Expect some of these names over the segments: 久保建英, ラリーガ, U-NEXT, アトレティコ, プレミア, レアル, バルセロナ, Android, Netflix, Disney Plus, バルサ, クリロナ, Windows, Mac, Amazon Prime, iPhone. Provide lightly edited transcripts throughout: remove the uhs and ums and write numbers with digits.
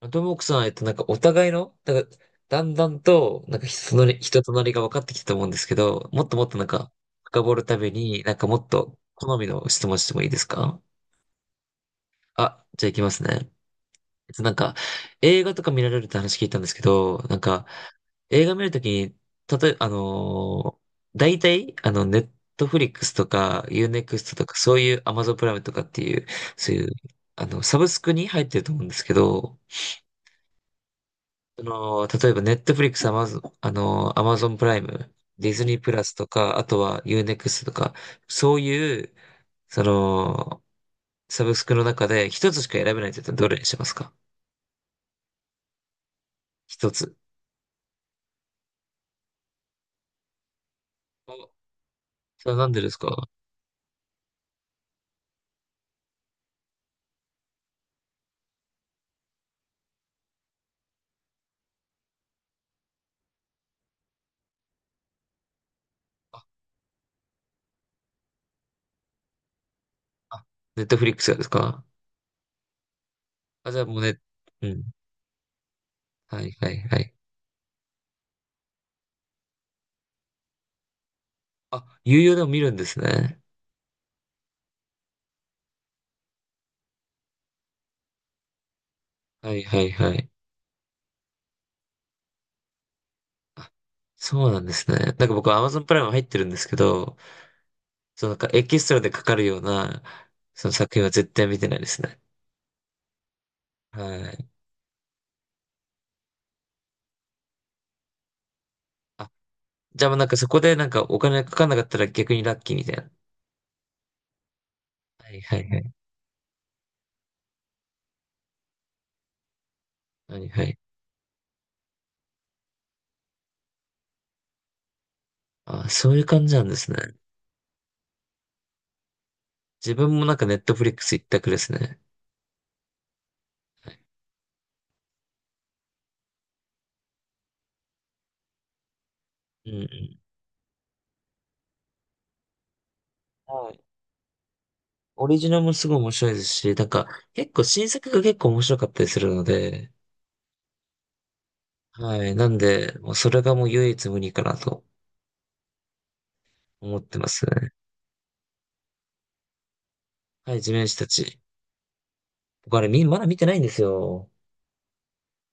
あともくさん、なんかお互いの、なんか、だんだんと、なんか人となりが分かってきたと思うんですけど、もっともっとなんか、深掘るために、なんかもっと好みの質問してもいいですか？あ、じゃあ行きますね。なんか、映画とか見られるって話聞いたんですけど、なんか、映画見るときに、たとえ、大体、ネットフリックスとか、ユーネクストとか、そういうアマゾンプライムとかっていう、そういう、サブスクに入ってると思うんですけど、その、例えば、ネットフリックス、アマゾン、アマゾンプライム、ディズニープラスとか、あとはユーネクストとか、そういう、その、サブスクの中で一つしか選べないって言ったらどれにしますか？一つ。お、それはなんでですか？あ、あ、ネットフリックスがですか？あ、じゃあもうね、うん。はいはいはい。あ、有料でも見るんですね。はいはいはい。あ、そうなんですね。なんか僕、アマゾンプライム入ってるんですけど、そう、なんかエキストラでかかるような、その作品は絶対見てないですね。はい。あ、じゃあまあなんかそこでなんかお金かかんなかったら逆にラッキーみたいな。はいはいはい。はいはい。あ、そういう感じなんですね。自分もなんかネットフリックス一択ですね。うんうん。はい。オリジナルもすごい面白いですし、なんか結構新作が結構面白かったりするので、はい。なんで、もうそれがもう唯一無二かなと思ってますね。はい、地面師たち。僕あれみ、まだ見てないんですよ。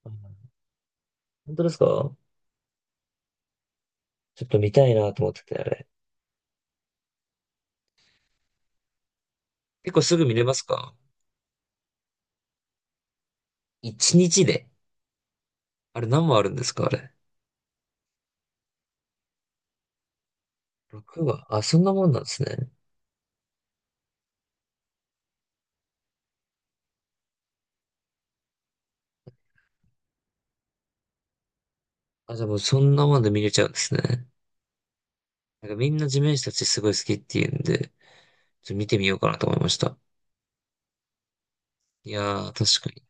うん。本当ですか？ちょっと見たいなと思ってて、あれ。結構すぐ見れますか？一日で。あれ、何話あるんですか？あれ。6話。あ、そんなもんなんですね。あ、じゃあもうそんなもんで見れちゃうんですね。なんかみんな地面師たちすごい好きっていうんで、ちょっと見てみようかなと思いました。いやー、確かに。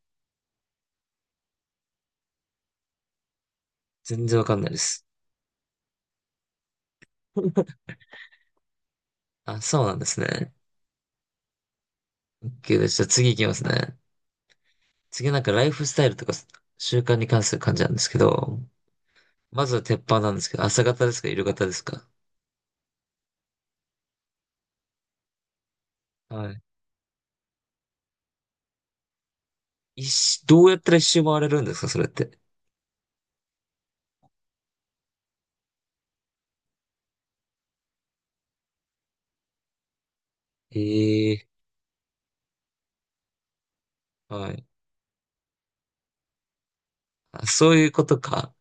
全然わかんないです。あ、そうなんですね。OK です。じゃあ次行きますね。次なんかライフスタイルとか習慣に関する感じなんですけど、まずは鉄板なんですけど、朝方ですか、夕方ですか？はい。一周、どうやったら一周回れるんですかそれって？ええ、はい。あ、そういうことか。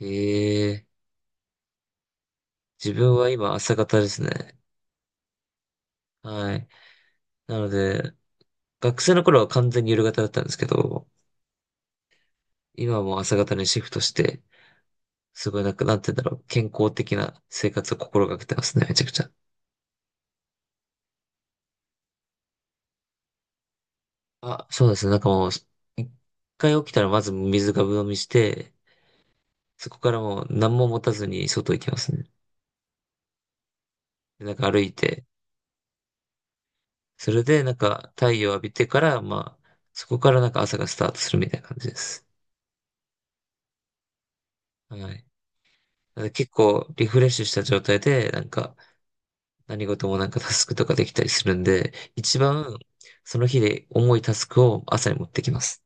ええ、自分は今朝方ですね。はい。なので、学生の頃は完全に夜型だったんですけど、今はもう朝方にシフトして、すごいなんか、なんて言うんだろう、健康的な生活を心がけてますね、めちゃくちゃ。あ、そうですね。なんかもう、一回起きたらまず水がぶ飲みして、そこからもう何も持たずに外行きますね。でなんか歩いて、それで、なんか、太陽を浴びてから、まあ、そこからなんか朝がスタートするみたいな感じです。はい。だから結構、リフレッシュした状態で、なんか、何事もなんかタスクとかできたりするんで、一番、その日で重いタスクを朝に持ってきます。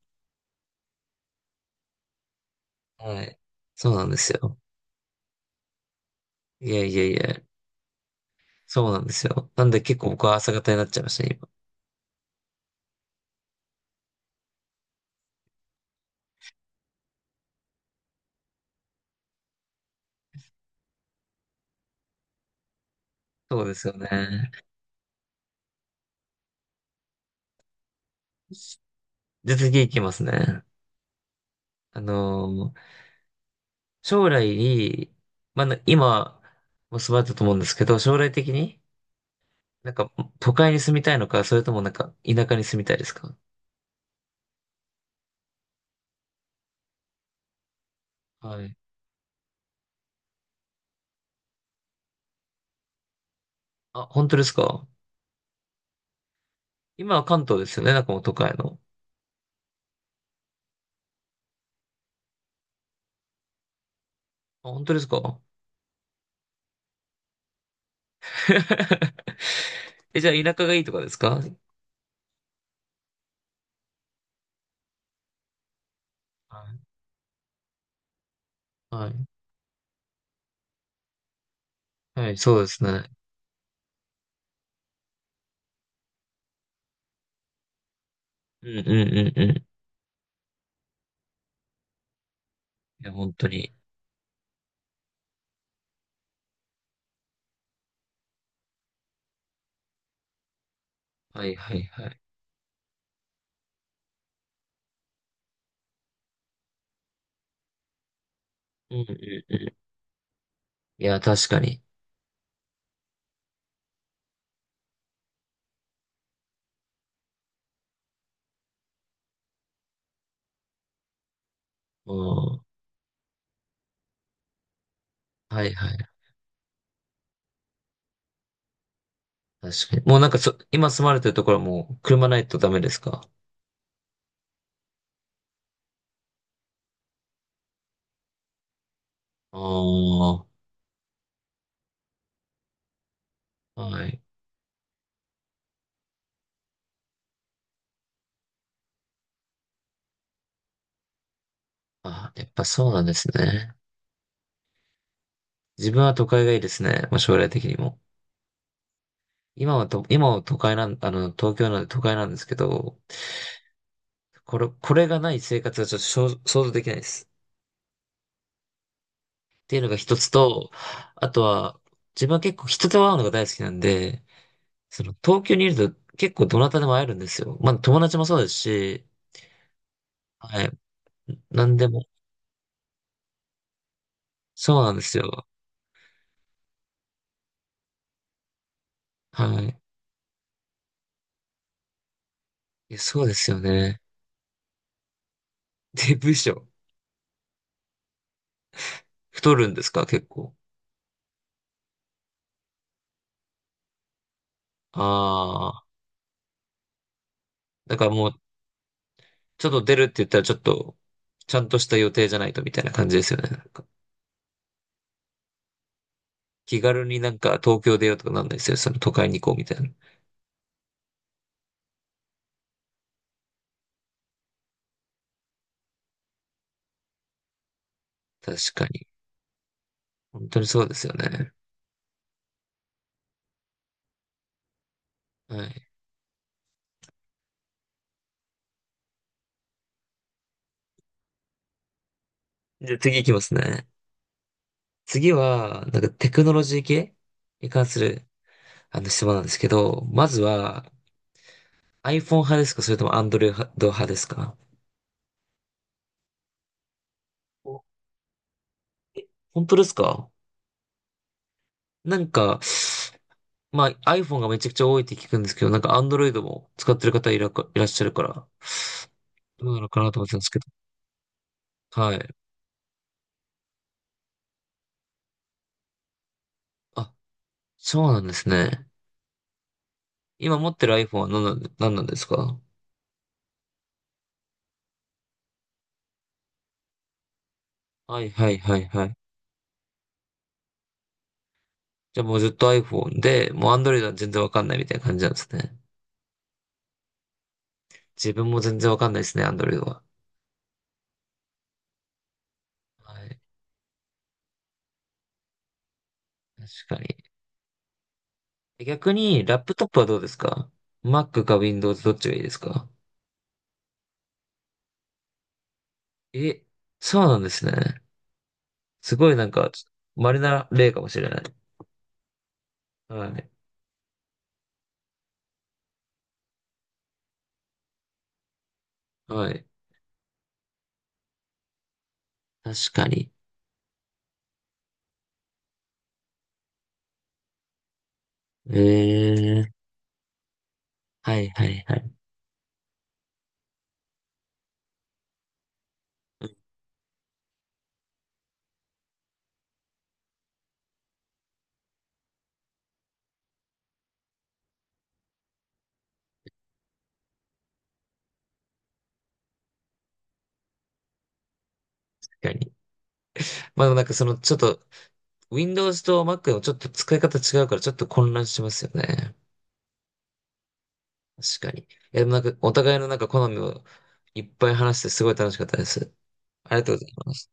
はい。そうなんですよ。いやいやいや、そうなんですよ。なんで結構僕は朝方になっちゃいましたね、今。そうですよね。じゃあ次行きますね。あのなんか、都会に住みたいのか、それともなんか、田舎に住みたいですか？はい。あ、本当ですか？今は関東ですよね、なんかもう都会の。あ、本当ですか？ え、じゃあ田舎がいいとかですか？はい。はい。はい、そうですね。うんうんうんうん。いや、本当に。はいはいはい。うんうんうん。いや、確かに。うん。はいはい。確かに。もうなんか今住まれてるところはもう車ないとダメですか？ああー、はい。あ、やっぱそうなんですね。自分は都会がいいですね。まあ、将来的にも。今は都会東京なんで都会なんですけど、これがない生活はちょっと想像できないです。っていうのが一つと、あとは、自分は結構人と会うのが大好きなんで、その、東京にいると結構どなたでも会えるんですよ。まあ、友達もそうですし、はい。何でも。そうなんですよ。はい。いや、そうですよね。で、部署。太るんですか、結構。ああ。だからもう、ちょっと出るって言ったらちょっと、ちゃんとした予定じゃないとみたいな感じですよね。なんか気軽になんか東京出ようとかなんないですよ。その都会に行こうみたいな。確かに。本当にそうですよね。はい。じゃあ次行きますね。次は、なんかテクノロジー系に関するあの質問なんですけど、まずは iPhone 派ですかそれとも Android 派ですか？お、本当ですか？なんか、まあ iPhone がめちゃくちゃ多いって聞くんですけど、なんか Android も使ってる方いらっしゃるから、どうなのかなと思ってたんですけど。はい。あ、そうなんですね。今持ってる iPhone は何なんですか？はいはいはいはい。じゃあもうずっと iPhone で、もう Android は全然わかんないみたいな感じなんですね。自分も全然わかんないですね、Android は。はい。確かに。逆に、ラップトップはどうですか？ Mac か Windows どっちがいいですか？え、そうなんですね。すごいなんか、稀な例かもしれない。はい。はい。確かに。ええ、はいはいはい。確かに。まあでもなんかそのちょっと Windows と Mac のちょっと使い方違うからちょっと混乱しますよね。確かに。いやでもなんかお互いのなんか好みをいっぱい話してすごい楽しかったです。ありがとうございます。